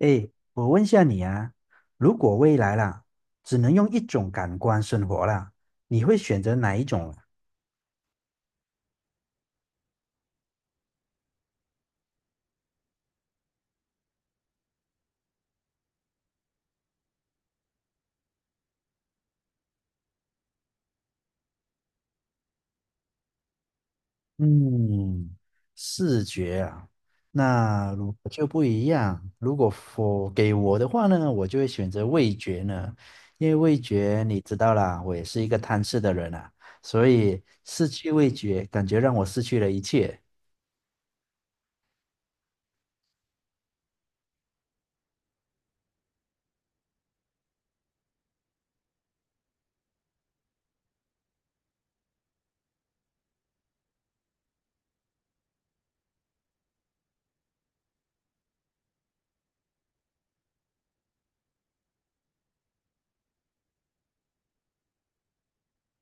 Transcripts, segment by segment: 哎，我问下你啊，如果未来啦，只能用一种感官生活啦，你会选择哪一种啊？嗯，视觉啊。那如果就不一样。如果我给我的话呢，我就会选择味觉呢，因为味觉你知道啦，我也是一个贪吃的人啊，所以失去味觉，感觉让我失去了一切。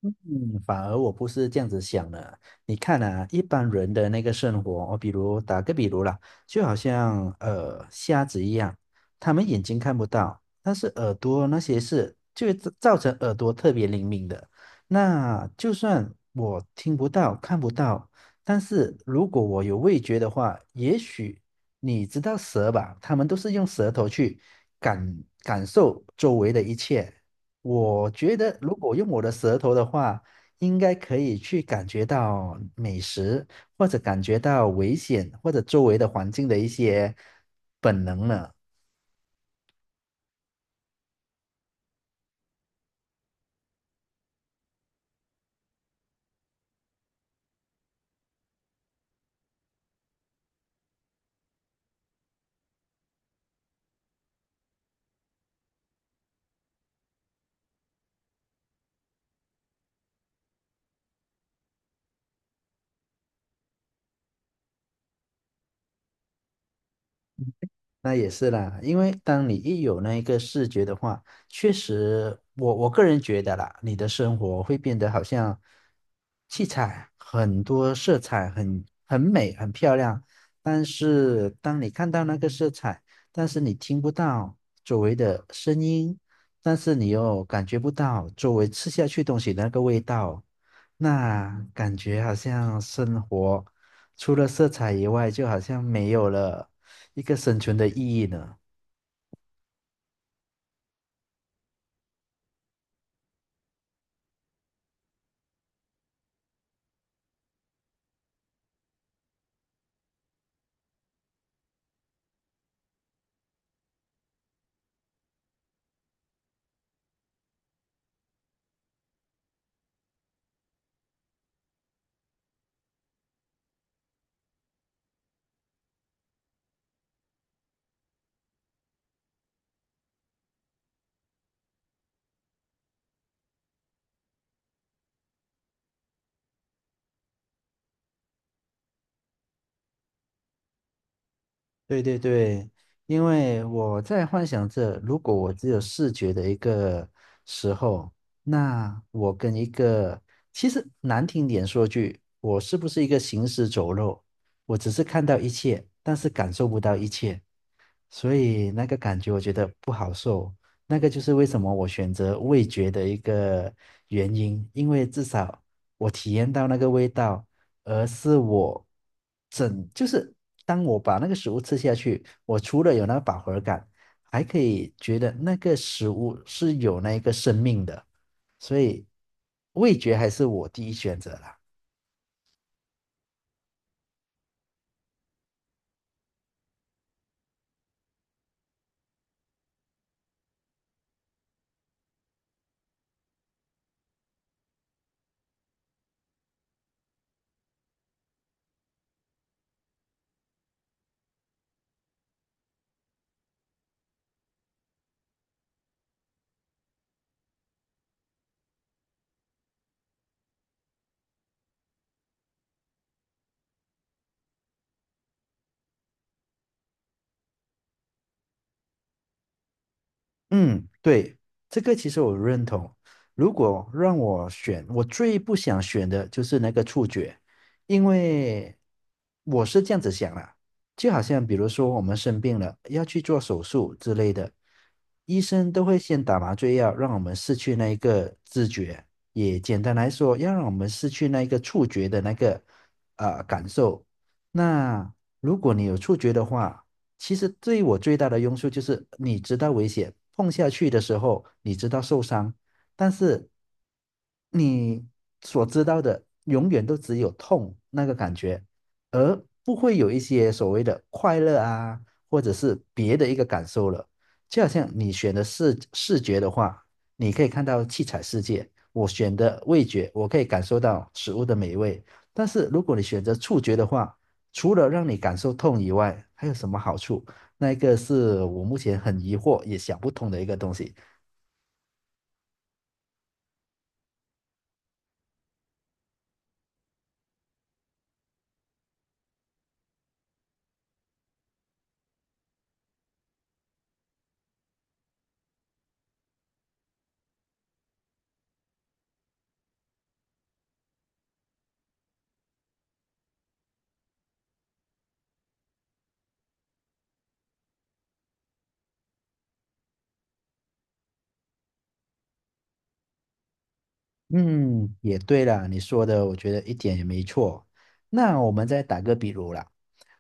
嗯，反而我不是这样子想的啊。你看啊，一般人的那个生活，我比如打个比如啦，就好像瞎子一样，他们眼睛看不到，但是耳朵那些是就会造成耳朵特别灵敏的。那就算我听不到、看不到，但是如果我有味觉的话，也许你知道蛇吧，他们都是用舌头去感受周围的一切。我觉得如果用我的舌头的话，应该可以去感觉到美食，或者感觉到危险，或者周围的环境的一些本能呢。那也是啦，因为当你一有那一个视觉的话，确实我我个人觉得啦，你的生活会变得好像七彩很多色彩很美很漂亮，但是当你看到那个色彩，但是你听不到周围的声音，但是你又感觉不到周围吃下去东西的那个味道，那感觉好像生活除了色彩以外，就好像没有了。一个生存的意义呢？对对对，因为我在幻想着，如果我只有视觉的一个时候，那我跟一个，其实难听点说句，我是不是一个行尸走肉？我只是看到一切，但是感受不到一切，所以那个感觉我觉得不好受。那个就是为什么我选择味觉的一个原因，因为至少我体验到那个味道。而是我整，就是当我把那个食物吃下去，我除了有那个饱和感，还可以觉得那个食物是有那一个生命的，所以味觉还是我第一选择啦。嗯，对，这个其实我认同。如果让我选，我最不想选的就是那个触觉，因为我是这样子想啦，就好像比如说我们生病了，要去做手术之类的，医生都会先打麻醉药，让我们失去那一个知觉，也简单来说，要让我们失去那一个触觉的那个感受。那如果你有触觉的话，其实对我最大的用处就是你知道危险，碰下去的时候你知道受伤，但是你所知道的永远都只有痛那个感觉，而不会有一些所谓的快乐啊，或者是别的一个感受了。就好像你选的视觉的话，你可以看到七彩世界；我选的味觉，我可以感受到食物的美味。但是如果你选择触觉的话，除了让你感受痛以外，还有什么好处？那一个是我目前很疑惑也想不通的一个东西。嗯，也对啦，你说的我觉得一点也没错。那我们再打个比如啦，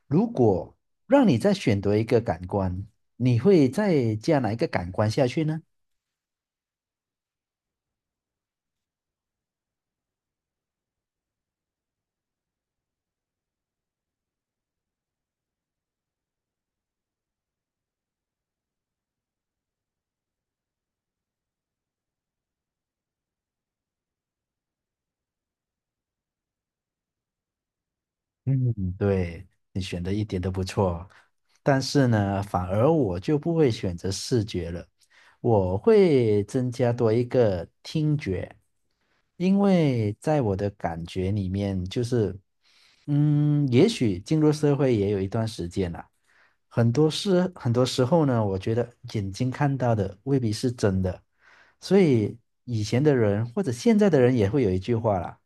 如果让你再选择一个感官，你会再加哪一个感官下去呢？嗯，对，你选的一点都不错，但是呢，反而我就不会选择视觉了，我会增加多一个听觉。因为在我的感觉里面，就是，嗯，也许进入社会也有一段时间了，很多事，很多时候呢，我觉得眼睛看到的未必是真的，所以以前的人或者现在的人也会有一句话啦，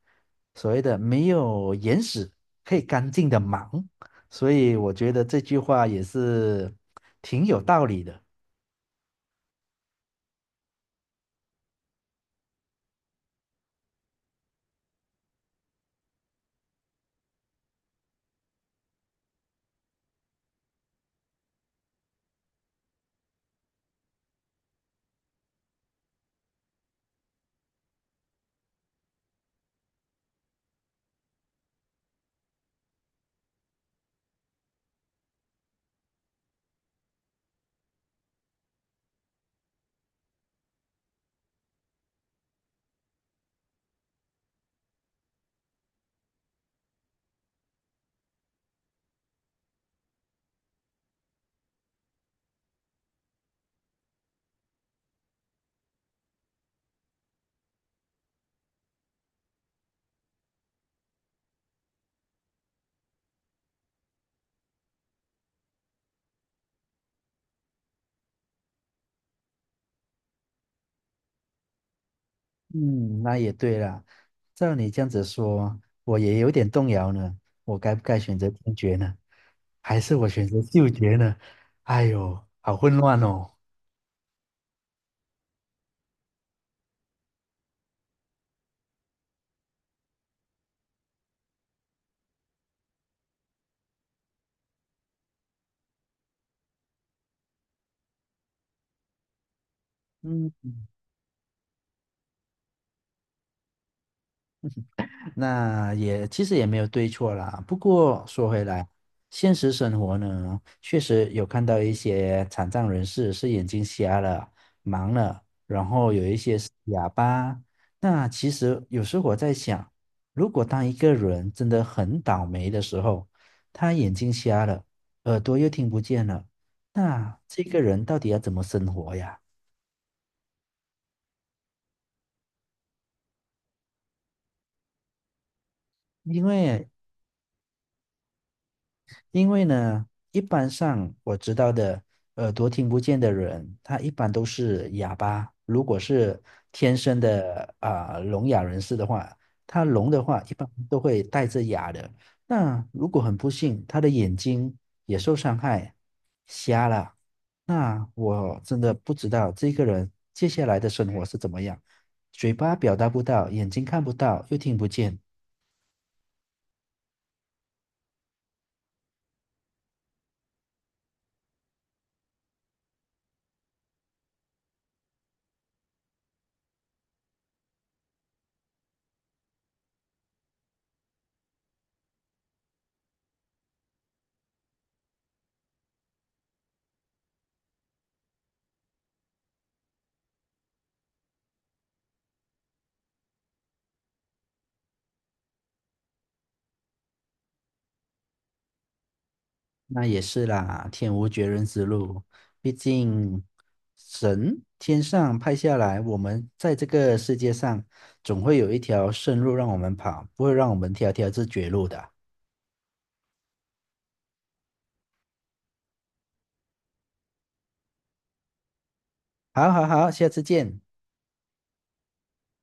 所谓的没有眼屎可以干净的忙，所以我觉得这句话也是挺有道理的。嗯，那也对了。照你这样子说，我也有点动摇呢。我该不该选择听觉呢？还是我选择嗅觉呢？哎呦，好混乱哦。嗯。那也其实也没有对错啦。不过说回来，现实生活呢，确实有看到一些残障人士是眼睛瞎了、盲了，然后有一些是哑巴。那其实有时候我在想，如果当一个人真的很倒霉的时候，他眼睛瞎了，耳朵又听不见了，那这个人到底要怎么生活呀？因为因为呢，一般上我知道的耳朵听不见的人，他一般都是哑巴。如果是天生的啊、聋哑人士的话，他聋的话一般都会带着哑的。那如果很不幸，他的眼睛也受伤害，瞎了，那我真的不知道这个人接下来的生活是怎么样。嘴巴表达不到，眼睛看不到，又听不见，那也是啦，天无绝人之路，毕竟神天上派下来，我们在这个世界上总会有一条生路让我们跑，不会让我们条条是绝路的。好好好，下次见。